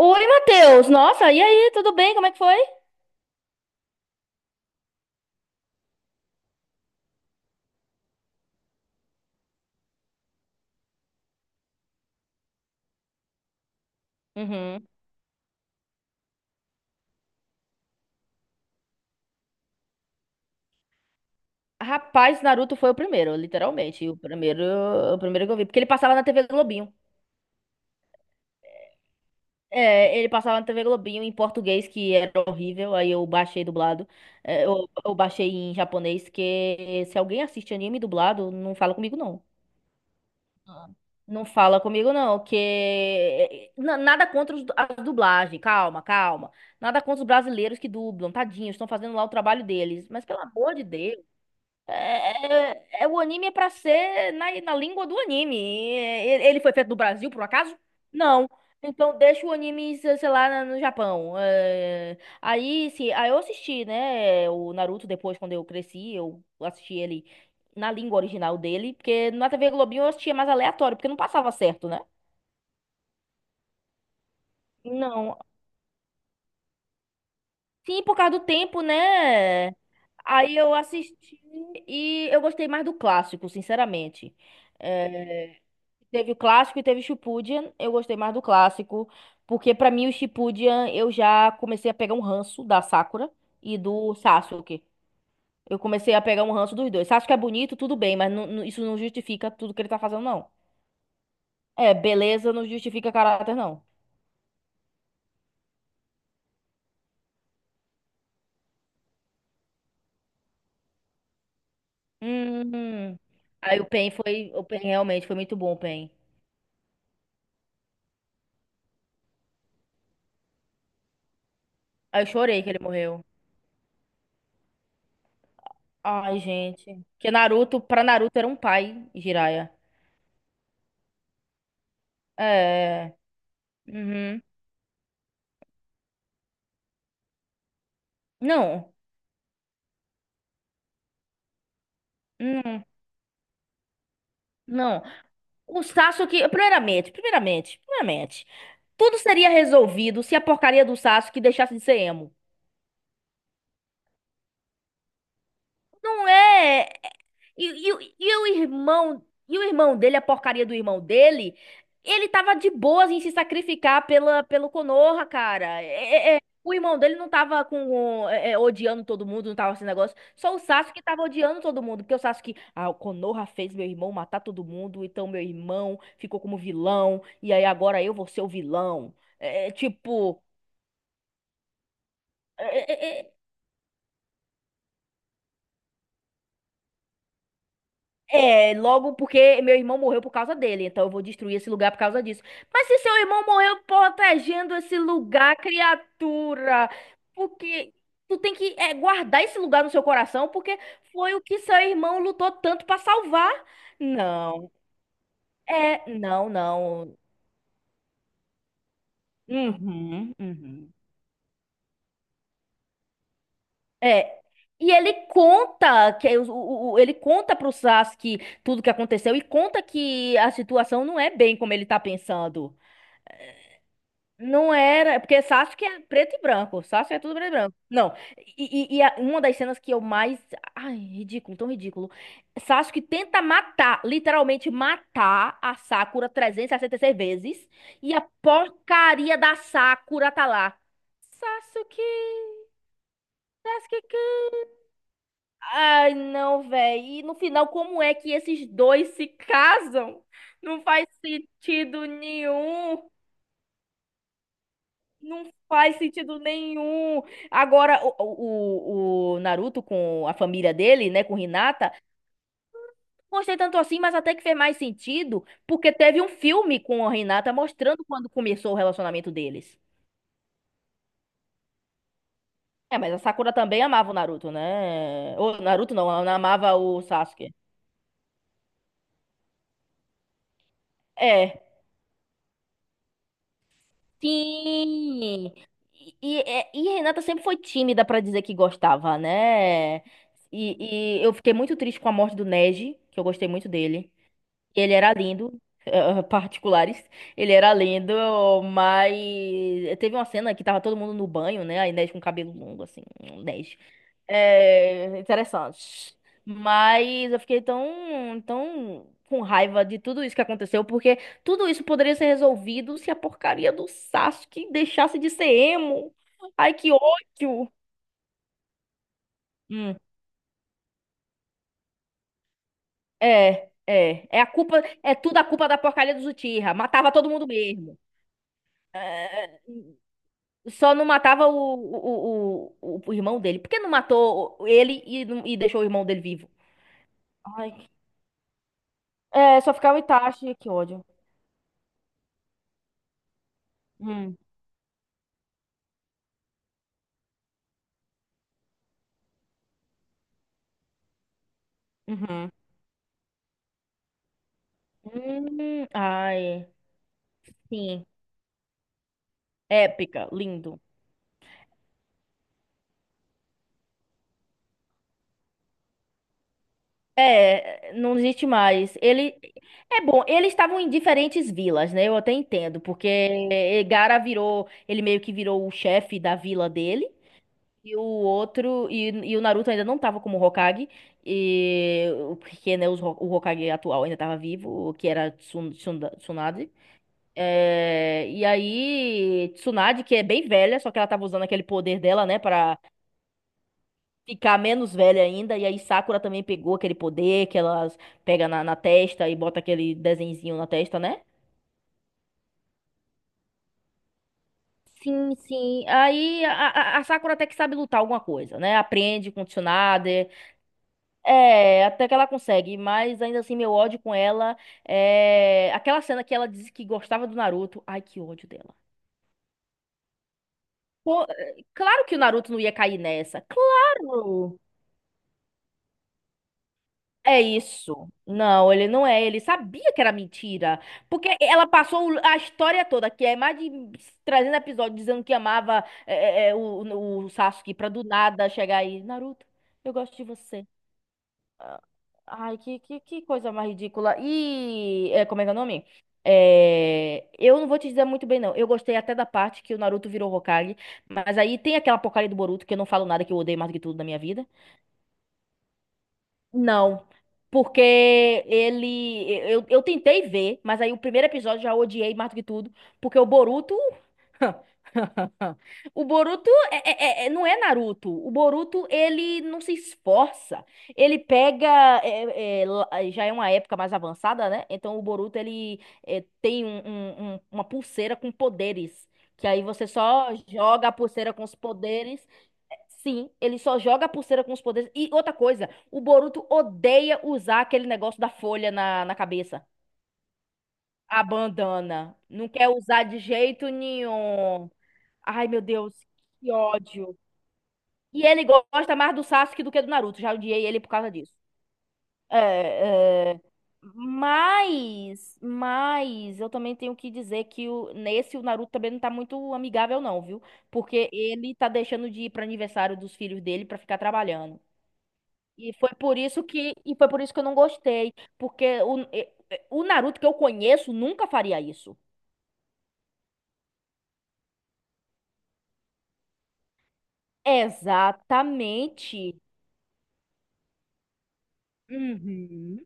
Oi, Matheus! Nossa, e aí, tudo bem? Como é que foi? Uhum. Rapaz, Naruto foi o primeiro, literalmente. O primeiro que eu vi. Porque ele passava na TV Globinho. É, ele passava na TV Globinho em português, que era horrível. Aí eu baixei dublado. É, eu baixei em japonês, que se alguém assiste anime dublado, não fala comigo, não. Não fala comigo, não, que nada contra a dublagem, calma, calma. Nada contra os brasileiros que dublam, tadinhos, estão fazendo lá o trabalho deles. Mas pelo amor de Deus. É, é o anime é pra ser na, na língua do anime. Ele foi feito no Brasil, por um acaso? Não. Então deixa o anime, sei lá, no Japão. É, aí, sim, aí eu assisti, né, o Naruto depois, quando eu cresci, eu assisti ele na língua original dele, porque na TV Globinho eu assistia mais aleatório, porque não passava certo, né? Não. Sim, por causa do tempo, né? Aí eu assisti e eu gostei mais do clássico, sinceramente. É, teve o clássico e teve o Shippuden. Eu gostei mais do clássico, porque pra mim o Shippuden eu já comecei a pegar um ranço da Sakura e do Sasuke. Eu comecei a pegar um ranço dos dois. Sasuke é bonito, tudo bem, mas isso não justifica tudo que ele tá fazendo, não. É, beleza não justifica caráter, não. Hum. Aí o pen foi, O pen realmente foi muito bom, o Pain. Aí eu chorei que ele morreu. Ai, gente. Porque pra Naruto era um pai, Jiraiya. É. Uhum. Não. Não. Não. O Sasuke, primeiramente, tudo seria resolvido se a porcaria do Sasuke deixasse de ser emo. Não é. É, E, e o irmão dele, a porcaria do irmão dele, ele tava de boas em se sacrificar pela, pelo Konoha, cara. O irmão dele não tava odiando todo mundo, não tava esse negócio. Só o Sasuke tava odiando todo mundo, porque o Sasuke, o Konoha fez meu irmão matar todo mundo, então meu irmão ficou como vilão, e aí agora eu vou ser o vilão. Tipo, é, é, é, é, logo porque meu irmão morreu por causa dele, então eu vou destruir esse lugar por causa disso. Mas se seu irmão morreu protegendo esse lugar, criatura, porque tu tem que guardar esse lugar no seu coração, porque foi o que seu irmão lutou tanto pra salvar. Não, não, não. Uhum, uhum. É. E ele conta que o- ele conta pro Sasuke tudo que aconteceu e conta que a situação não é bem como ele tá pensando. Não era, é porque Sasuke é preto e branco. Sasuke é tudo preto e branco. Não. Uma das cenas que eu mais. Ai, ridículo, tão ridículo. Sasuke tenta matar, literalmente matar a Sakura 366 vezes. E a porcaria da Sakura tá lá. Sasuke, Sasuke. Ai, não, véi. E no final, como é que esses dois se casam? Não faz sentido nenhum. Não faz sentido nenhum. Agora, o Naruto com a família dele, né, com Hinata, não gostei tanto assim, mas até que fez mais sentido, porque teve um filme com a Hinata mostrando quando começou o relacionamento deles. É, mas a Sakura também amava o Naruto, né? O Naruto não, ela amava o Sasuke. É. Sim. E a Renata sempre foi tímida pra dizer que gostava, né? E eu fiquei muito triste com a morte do Neji, que eu gostei muito dele. Ele era lindo, eh, particulares. Ele era lindo, mas teve uma cena que tava todo mundo no banho, né? A Inês com cabelo longo, assim, Inês. É, interessante. Mas eu fiquei tão, tão com raiva de tudo isso que aconteceu, porque tudo isso poderia ser resolvido se a porcaria do Sasuke deixasse de ser emo. Ai, que ódio! Hum. É a culpa, é tudo a culpa da porcaria dos Uchiha. Matava todo mundo mesmo. É, só não matava o irmão dele. Por que não matou ele e, não- e deixou o irmão dele vivo? Ai, só ficava o Itachi, que ódio. Hum, uhum. Ai, sim. Épica, lindo. É, não existe mais. Ele é bom, eles estavam em diferentes vilas, né? Eu até entendo, porque ele meio que virou o chefe da vila dele. E o Naruto ainda não tava como Hokage, e, porque né, o Hokage atual ainda tava vivo, que era Tsunade. É, e aí, Tsunade, que é bem velha, só que ela tava usando aquele poder dela, né, pra ficar menos velha ainda. E aí, Sakura também pegou aquele poder que ela pega na, na testa e bota aquele desenzinho na testa, né? Sim, sim. Aí a Sakura até que sabe lutar alguma coisa, né? Aprende com o Tsunade. É, até que ela consegue, mas ainda assim meu ódio com ela é aquela cena que ela disse que gostava do Naruto. Ai, que ódio dela. Pô, é, claro que o Naruto não ia cair nessa. Claro. É isso. Não, ele não é. Ele sabia que era mentira. Porque ela passou a história toda, que é mais de 300 episódios, dizendo que amava o Sasuke, pra do nada chegar aí. Naruto, eu gosto de você. Ai, que coisa mais ridícula. E como é que é o nome? É, eu não vou te dizer muito bem, não. Eu gostei até da parte que o Naruto virou Hokage, mas aí tem aquela porcaria do Boruto que eu não falo nada, que eu odeio mais do que tudo na minha vida. Não, porque ele. Eu tentei ver, mas aí o primeiro episódio já odiei mais do que tudo, porque o Boruto. O Boruto não é Naruto. O Boruto, ele não se esforça. Ele pega. Já é uma época mais avançada, né? Então o Boruto, ele tem uma pulseira com poderes. Que aí você só joga a pulseira com os poderes. Sim, ele só joga a pulseira com os poderes. E outra coisa, o Boruto odeia usar aquele negócio da folha na, na cabeça. A bandana. Não quer usar de jeito nenhum. Ai, meu Deus, que ódio. E ele gosta mais do Sasuke do que do Naruto. Já odiei ele por causa disso. É, é, mas eu também tenho que dizer que nesse o Naruto também não tá muito amigável, não, viu? Porque ele tá deixando de ir para aniversário dos filhos dele para ficar trabalhando. E foi por isso que e foi por isso que eu não gostei, porque o Naruto que eu conheço nunca faria isso. Exatamente. Uhum.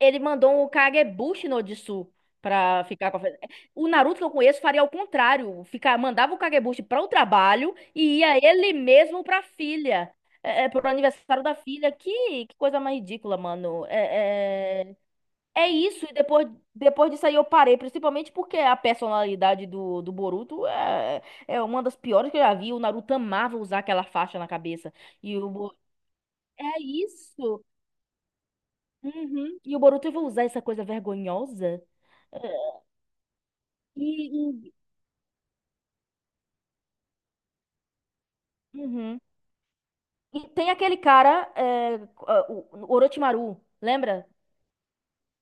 Ele mandou o Kagebushi no Jutsu pra ficar com a... O Naruto que eu conheço faria ao contrário, mandava o Kagebushi para o trabalho e ia ele mesmo pra filha. Pro aniversário da filha. Que coisa mais ridícula, mano. É isso, e depois, depois disso aí eu parei, principalmente porque a personalidade do Boruto é uma das piores que eu já vi. O Naruto amava usar aquela faixa na cabeça. E o Bo- É isso. Uhum. E o Boruto vai usar essa coisa vergonhosa. É, E, e- uhum. E tem aquele cara, o Orochimaru, lembra?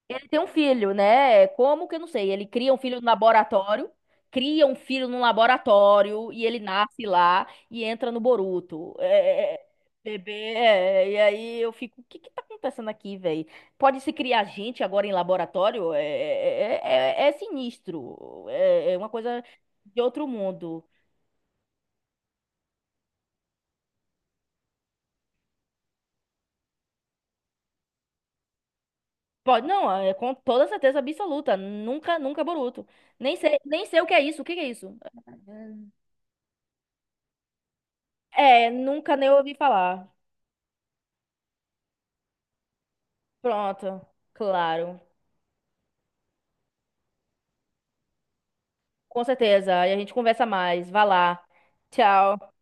Ele tem um filho, né? Como que eu não sei? Ele cria um filho no laboratório, cria um filho no laboratório e ele nasce lá e entra no Boruto. Bebê, e aí eu fico, o que que tá acontecendo aqui, velho? Pode se criar gente agora em laboratório? É sinistro. É uma coisa de outro mundo. Pode, não, é com toda certeza absoluta. Nunca, nunca Boruto. Nem sei, nem sei o que é isso. O que que é isso? É, nunca nem ouvi falar. Pronto, claro. Com certeza. E a gente conversa mais. Vá lá. Tchau.